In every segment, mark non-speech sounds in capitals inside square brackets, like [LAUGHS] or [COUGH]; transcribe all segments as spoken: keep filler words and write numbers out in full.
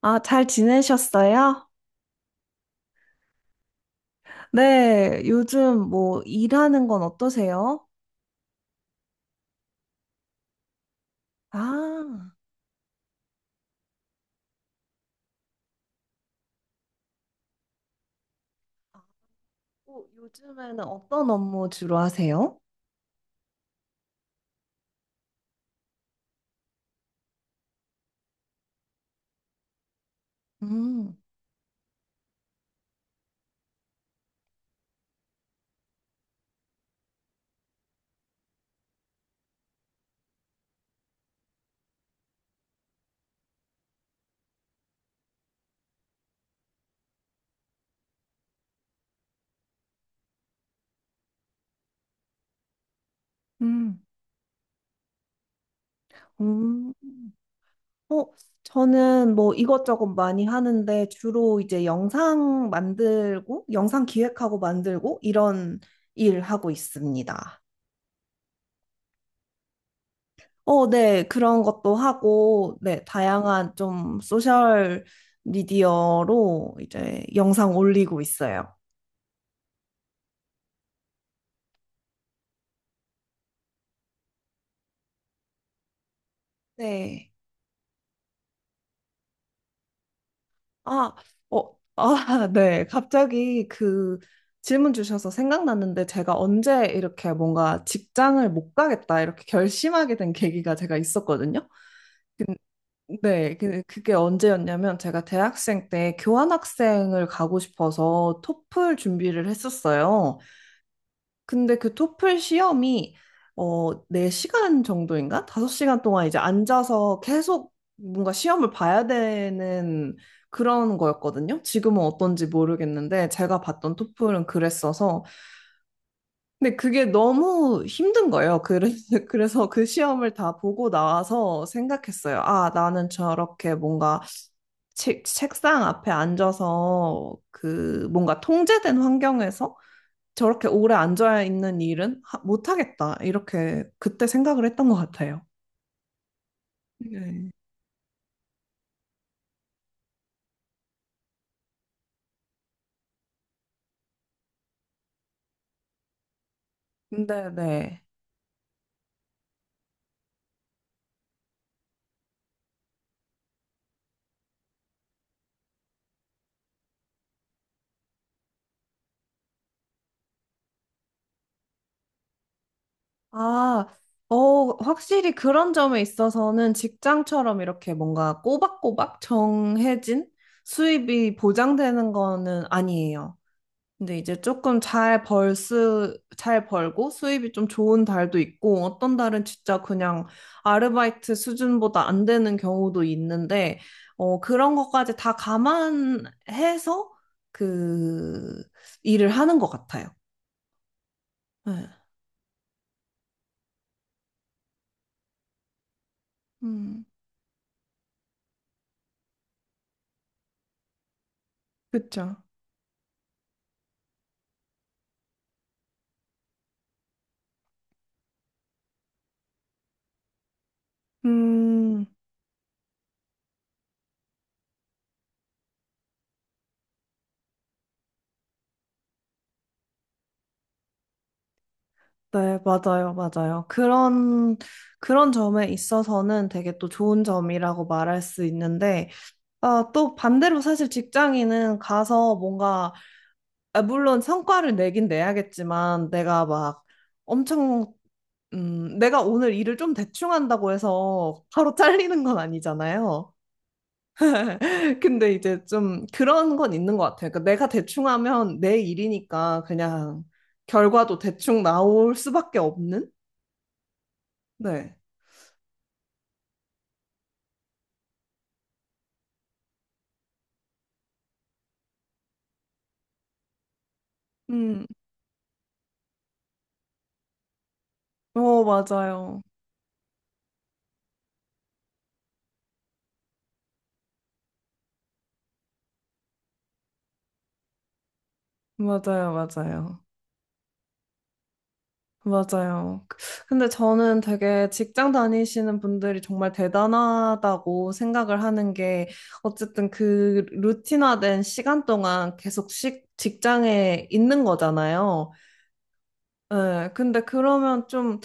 아, 잘 지내셨어요? 네, 요즘 뭐 일하는 건 어떠세요? 아, 어, 요즘에는 어떤 업무 주로 하세요? 음, 음, 음, 어, 저는 뭐 이것저것 많이 하는데 주로 이제 영상 만들고, 영상 기획하고 만들고 이런 일 하고 있습니다. 어, 네, 그런 것도 하고, 네, 다양한 좀 소셜 미디어로 이제 영상 올리고 있어요. 네. 아, 어, 아, [LAUGHS] 네. 갑자기 그 질문 주셔서 생각났는데 제가 언제 이렇게 뭔가 직장을 못 가겠다 이렇게 결심하게 된 계기가 제가 있었거든요. 근- 네, 그- 그게 언제였냐면 제가 대학생 때 교환학생을 가고 싶어서 토플 준비를 했었어요. 근데 그 토플 시험이 어, 네 시간 정도인가? 다섯 시간 동안 이제 앉아서 계속 뭔가 시험을 봐야 되는 그런 거였거든요. 지금은 어떤지 모르겠는데 제가 봤던 토플은 그랬어서 근데 그게 너무 힘든 거예요. 그래서 [LAUGHS] 그래서 그 시험을 다 보고 나와서 생각했어요. 아, 나는 저렇게 뭔가 책, 책상 앞에 앉아서 그 뭔가 통제된 환경에서 저렇게 오래 앉아 있는 일은 하- 못하겠다. 이렇게 그때 생각을 했던 것 같아요. 네. 네, 네. 아, 어, 확실히 그런 점에 있어서는 직장처럼 이렇게 뭔가 꼬박꼬박 정해진 수입이 보장되는 거는 아니에요. 근데 이제 조금 잘 벌 수, 잘 벌고 수입이 좀 좋은 달도 있고 어떤 달은 진짜 그냥 아르바이트 수준보다 안 되는 경우도 있는데 어, 그런 것까지 다 감안해서 그 일을 하는 것 같아요. 네. 음, 그쵸. 음, 네, 맞아요, 맞아요. 그런, 그런 점에 있어서는 되게 또 좋은 점이라고 말할 수 있는데, 아, 또 반대로 사실 직장인은 가서 뭔가 아, 물론 성과를 내긴 내야겠지만 내가 막 엄청 음, 내가 오늘 일을 좀 대충 한다고 해서 바로 [LAUGHS] 잘리는 건 아니잖아요. [LAUGHS] 근데 이제 좀 그런 건 있는 것 같아요. 그러니까 내가 대충 하면 내 일이니까 그냥 결과도 대충 나올 수밖에 없는? 네. 음, 어, 맞아요. 맞아요, 맞아요. 맞아요. 그, 근데 저는 되게 직장 다니시는 분들이 정말 대단하다고 생각을 하는 게 어쨌든 그 루틴화된 시간 동안 계속 식, 직장에 있는 거잖아요. 예, 근데 그러면 좀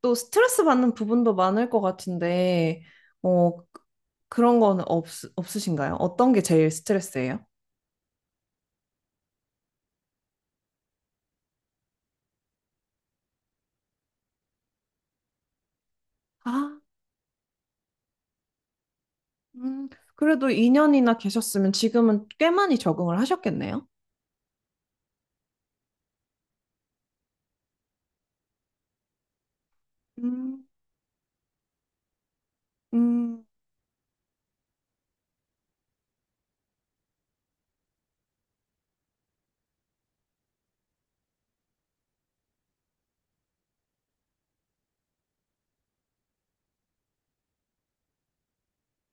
또 스트레스 받는 부분도 많을 것 같은데, 어, 그런 건 없, 없으신가요? 어떤 게 제일 스트레스예요? 아, 음, 그래도 이 년이나 계셨으면 지금은 꽤 많이 적응을 하셨겠네요? 음, 음.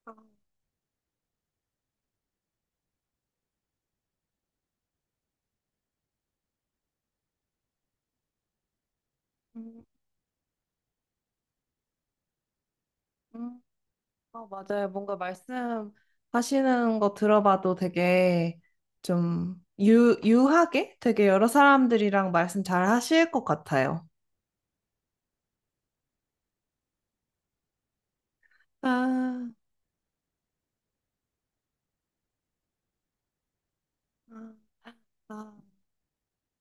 아, 음, 음. 어, 맞아요. 뭔가 말씀하시는 거 들어봐도 되게 좀 유, 유하게 되게 여러 사람들이랑 말씀 잘 하실 것 같아요. 아, 아, 아,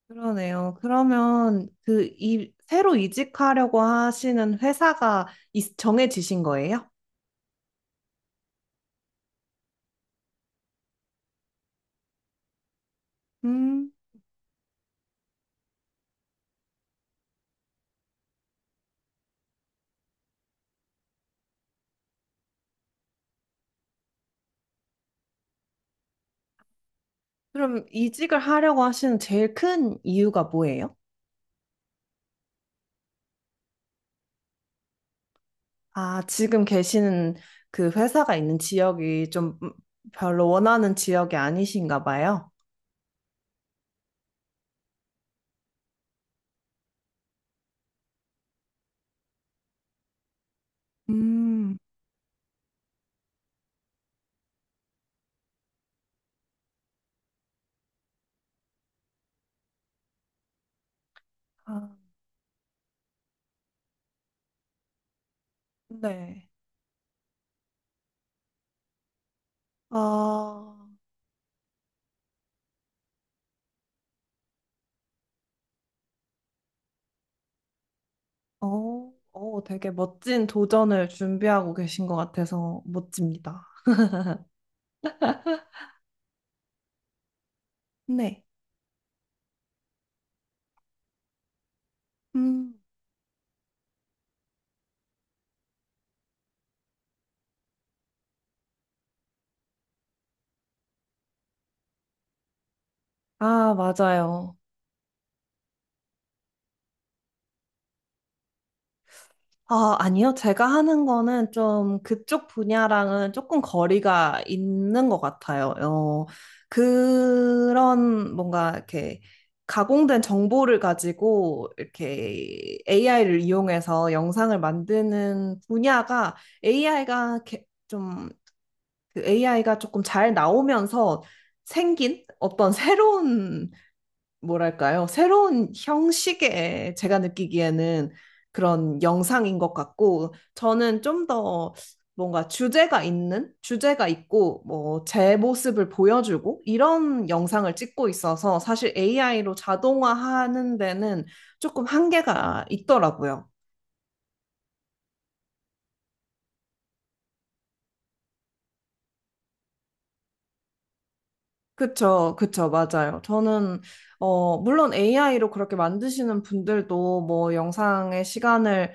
그러네요. 그러면 그 이, 새로 이직하려고 하시는 회사가 있- 정해지신 거예요? 음, 그럼 이직을 하려고 하시는 제일 큰 이유가 뭐예요? 아, 지금 계시는 그 회사가 있는 지역이 좀 음, 별로 원하는 지역이 아니신가 봐요. 음, 아, 네. 아, 어, 어, 되게 멋진 도전을 준비하고 계신 것 같아서 멋집니다. 네. 음. 아, 맞아요. 아, 아니요. 제가 하는 거는 좀 그쪽 분야랑은 조금 거리가 있는 것 같아요. 어, 그런 뭔가 이렇게 가공된 정보를 가지고 이렇게 에이아이를 이용해서 영상을 만드는 분야가 에이아이가 좀 에이아이가 조금 잘 나오면서 생긴 어떤 새로운 뭐랄까요? 새로운 형식의 제가 느끼기에는 그런 영상인 것 같고, 저는 좀 더 뭔가 주제가 있는, 주제가 있고, 뭐, 제 모습을 보여주고, 이런 영상을 찍고 있어서 사실 에이아이로 자동화하는 데는 조금 한계가 있더라고요. 그쵸, 그쵸, 맞아요. 저는, 어, 물론 에이아이로 그렇게 만드시는 분들도 뭐 영상의 시간을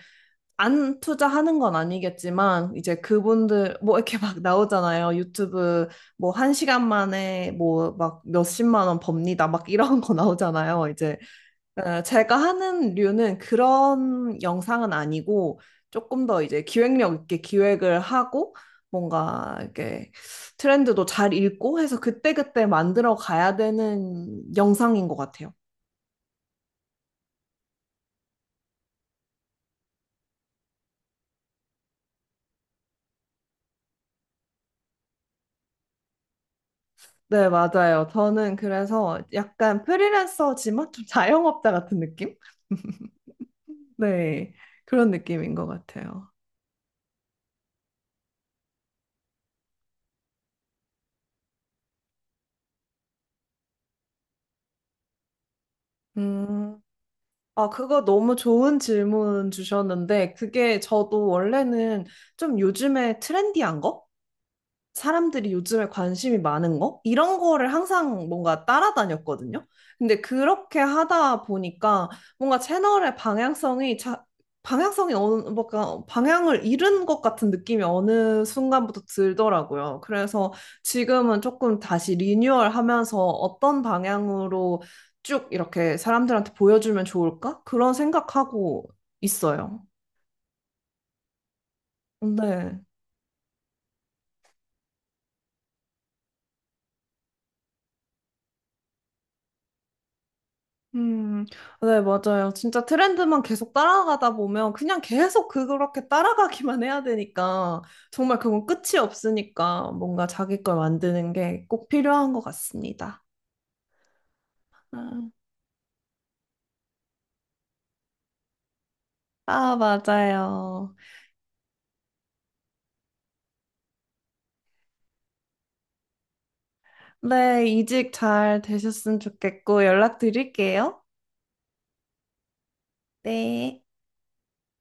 안 투자하는 건 아니겠지만, 이제 그분들, 뭐 이렇게 막 나오잖아요. 유튜브 뭐 한 시간 만에 뭐 막 몇십만 원 법니다. 막 이런 거 나오잖아요. 이제 어, 제가 하는 류는 그런 영상은 아니고, 조금 더 이제 기획력 있게 기획을 하고, 뭔가 이렇게 트렌드도 잘 읽고 해서 그때그때 만들어 가야 되는 영상인 것 같아요. 네, 맞아요. 저는 그래서 약간 프리랜서지만 좀 [LAUGHS] 자영업자 같은 느낌? [LAUGHS] 네, 그런 느낌인 것 같아요. 음, 아, 그거 너무 좋은 질문 주셨는데, 그게 저도 원래는 좀 요즘에 트렌디한 거? 사람들이 요즘에 관심이 많은 거? 이런 거를 항상 뭔가 따라다녔거든요. 근데 그렇게 하다 보니까 뭔가 채널의 방향성이 자, 방향성이 어느 뭔가 방향을 잃은 것 같은 느낌이 어느 순간부터 들더라고요. 그래서 지금은 조금 다시 리뉴얼하면서 어떤 방향으로 쭉 이렇게 사람들한테 보여주면 좋을까? 그런 생각하고 있어요. 네. 음, 네, 맞아요. 진짜 트렌드만 계속 따라가다 보면 그냥 계속 그- 그렇게 따라가기만 해야 되니까 정말 그건 끝이 없으니까 뭔가 자기 걸 만드는 게 꼭 필요한 것 같습니다. 음. 아, 맞아요. 네, 이직 잘 되셨으면 좋겠고 연락 드릴게요. 네.